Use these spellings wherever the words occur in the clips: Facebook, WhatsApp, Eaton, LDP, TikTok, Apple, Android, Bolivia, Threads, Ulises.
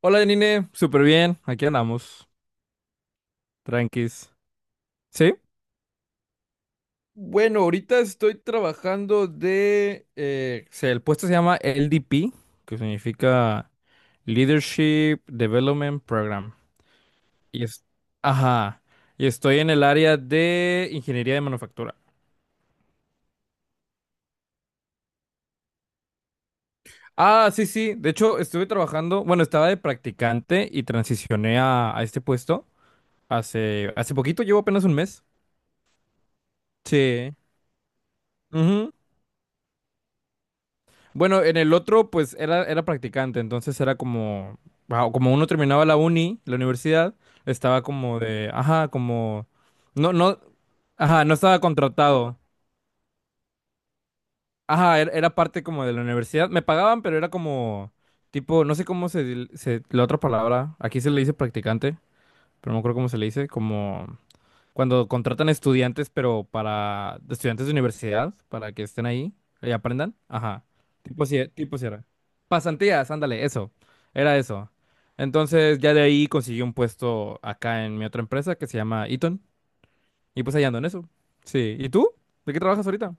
Hola, Janine, súper bien, aquí andamos, tranquis. ¿Sí? Bueno, ahorita estoy trabajando de... El puesto se llama LDP, que significa Leadership Development Program. Y es, ajá, y estoy en el área de ingeniería de manufactura. Ah, sí, sí, de hecho estuve trabajando, bueno, estaba de practicante y transicioné a este puesto hace poquito, llevo apenas un mes. Sí. Bueno, en el otro, pues era practicante, entonces era como, ah, como uno terminaba la universidad, estaba como de, ajá, como, no, no, ajá, no estaba contratado. Ajá, era parte como de la universidad. Me pagaban, pero era como, tipo, no sé cómo se, la otra palabra, aquí se le dice practicante, pero no creo cómo se le dice, como... Cuando contratan estudiantes, pero para estudiantes de universidad, para que estén ahí y aprendan. Ajá. Tipo si pasantías, ándale, eso. Era eso. Entonces ya de ahí conseguí un puesto acá en mi otra empresa que se llama Eaton. Y pues ahí ando en eso. Sí. ¿Y tú? ¿De qué trabajas ahorita?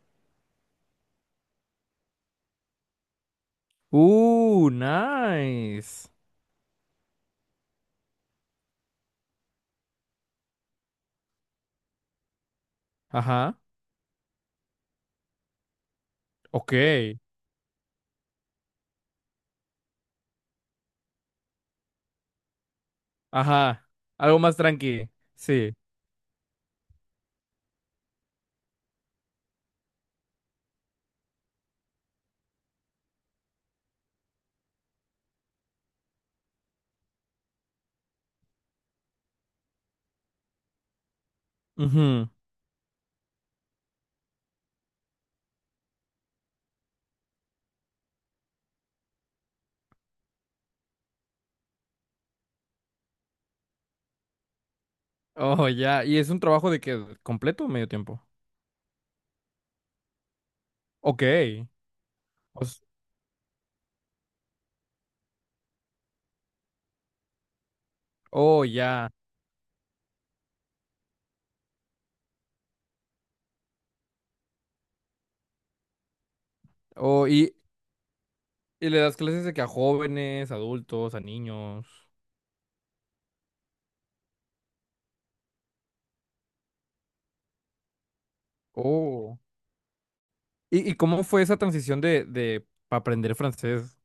Nice. Ajá. Ok. Ajá. Algo más tranqui. Sí. Ujú. Oh, ya. ¿Y es un trabajo de qué? ¿Completo o medio tiempo? Ok. Os- oh, ya. Oh, y le das clases de que a jóvenes, adultos, a niños. Oh. Y cómo fue esa transición de pa' aprender francés?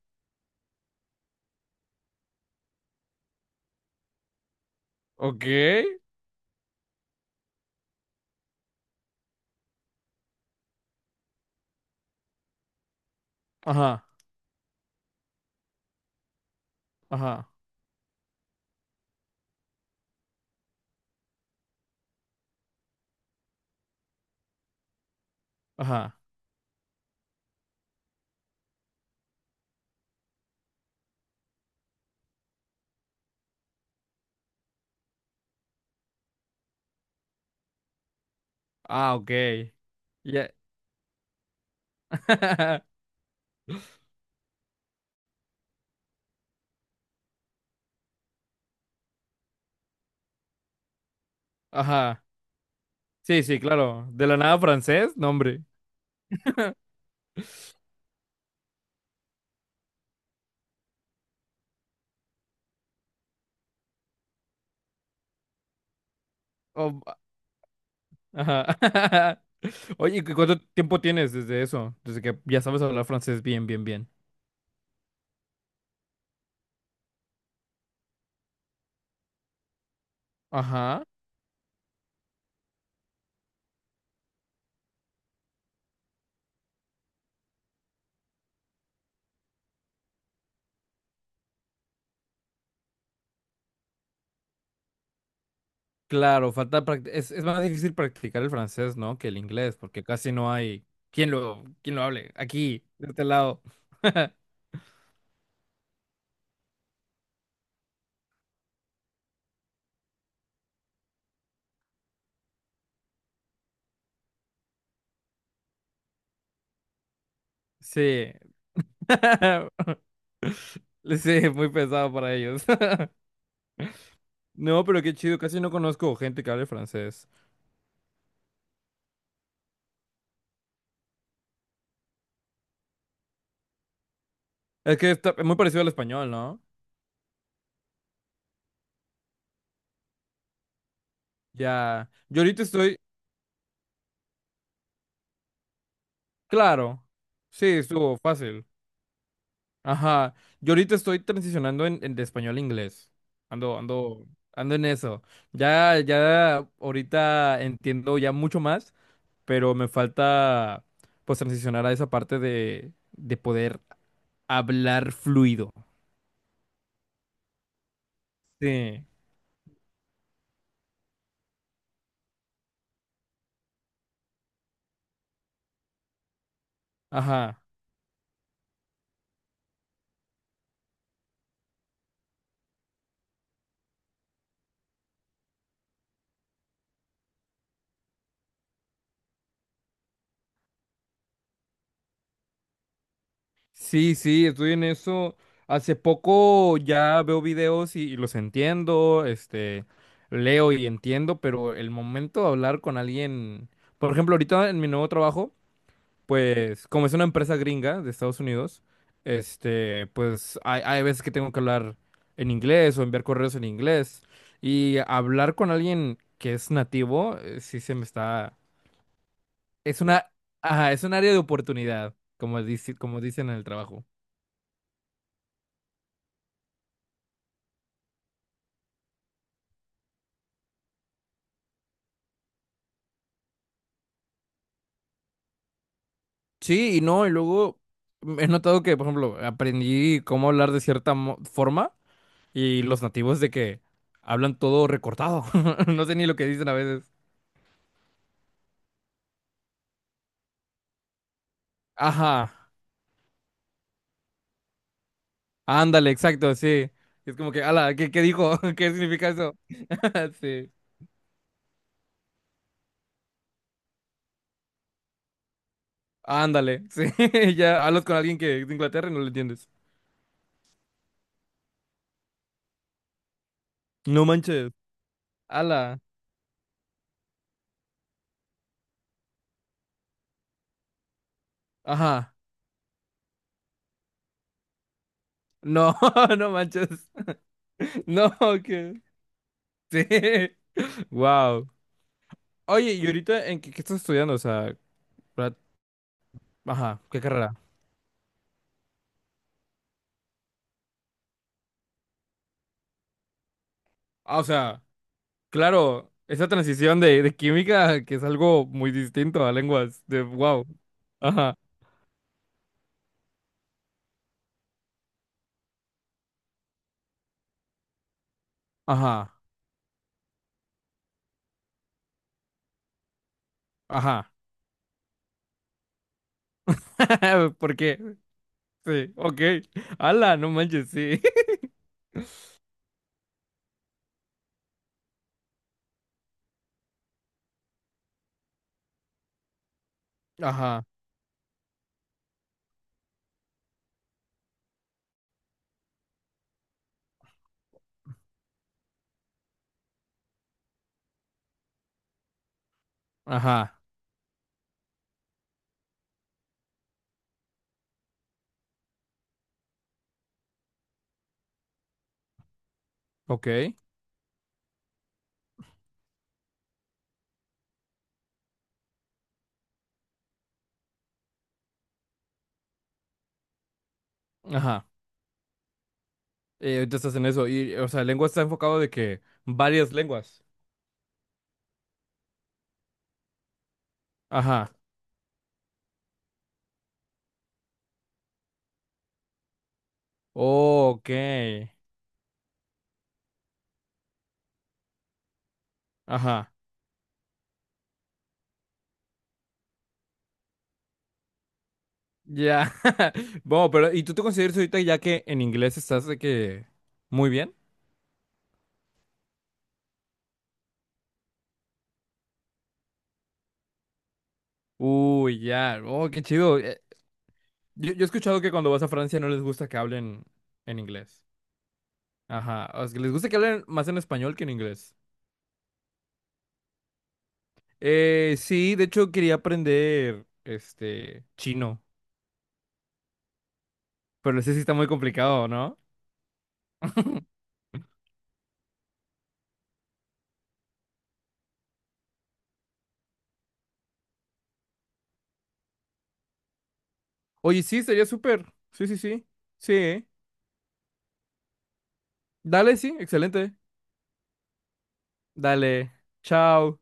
Ok. Ajá, ajá, ajá. Ah, ok. Ya. Ajá. Sí, sí, claro. De la nada francés, nombre. Oh, ajá. Oye, ¿y cuánto tiempo tienes desde eso? Desde que ya sabes hablar francés bien, bien, bien. Ajá. Claro, es más difícil practicar el francés, ¿no? Que el inglés, porque casi no hay quien lo hable aquí, de este lado. Sí. Sí, muy pesado para ellos. No, pero qué chido, casi no conozco gente que hable francés. Es muy parecido al español, ¿no? Ya. Claro. Sí, estuvo fácil. Ajá, yo ahorita estoy transicionando en de español a inglés. Ando, ando, ando en eso. Ya, ya ahorita entiendo ya mucho más, pero me falta pues transicionar a esa parte de poder hablar fluido. Sí, ajá. Sí, sí, estoy en eso. Hace poco ya veo videos y los entiendo, este, leo y entiendo, pero el momento de hablar con alguien, por ejemplo, ahorita en mi nuevo trabajo. Pues, como es una empresa gringa de Estados Unidos, este, pues hay veces que tengo que hablar en inglés o enviar correos en inglés. Y hablar con alguien que es nativo, sí se me está. Es una. Ajá, es un área de oportunidad, como dice, como dicen en el trabajo. Sí, y no, y luego he notado que, por ejemplo, aprendí cómo hablar de cierta forma y los nativos de que hablan todo recortado. No sé ni lo que dicen a veces. Ajá, ándale, exacto, sí. Es como que, ala, ¿qué, qué dijo? ¿Qué significa eso? Sí. Ándale, sí. Ya hablas con alguien que es de Inglaterra y no lo entiendes. No manches. Ala. Ajá. No, no manches. No, que. Sí. Wow. Oye, ¿y ahorita en qué, qué estás estudiando? O sea, pra- ajá, ¿qué carrera? Ah, o sea, claro, esa transición de química que es algo muy distinto a lenguas, de wow. Ajá, ajá, ajá. ¿Por qué? Sí, ok. Ala, no manches, sí. Ajá, ajá, ok, ajá. Ahorita estás en eso. Y, o sea, lengua está enfocado de que varias lenguas. Ajá. Oh, ok. Ajá. Ya. Bueno, pero ¿y tú te consideras ahorita ya que en inglés estás de que muy bien? Uy, ya. Oh, qué chido. Yo he escuchado que cuando vas a Francia no les gusta que hablen en inglés. Ajá. O sea, que les gusta que hablen más en español que en inglés. Sí, de hecho quería aprender este chino, pero no sé si está muy complicado, ¿no? Oye, sí, estaría súper. Sí, sí, sí. Sí. ¿Eh? Dale, sí, excelente. Dale. Chao.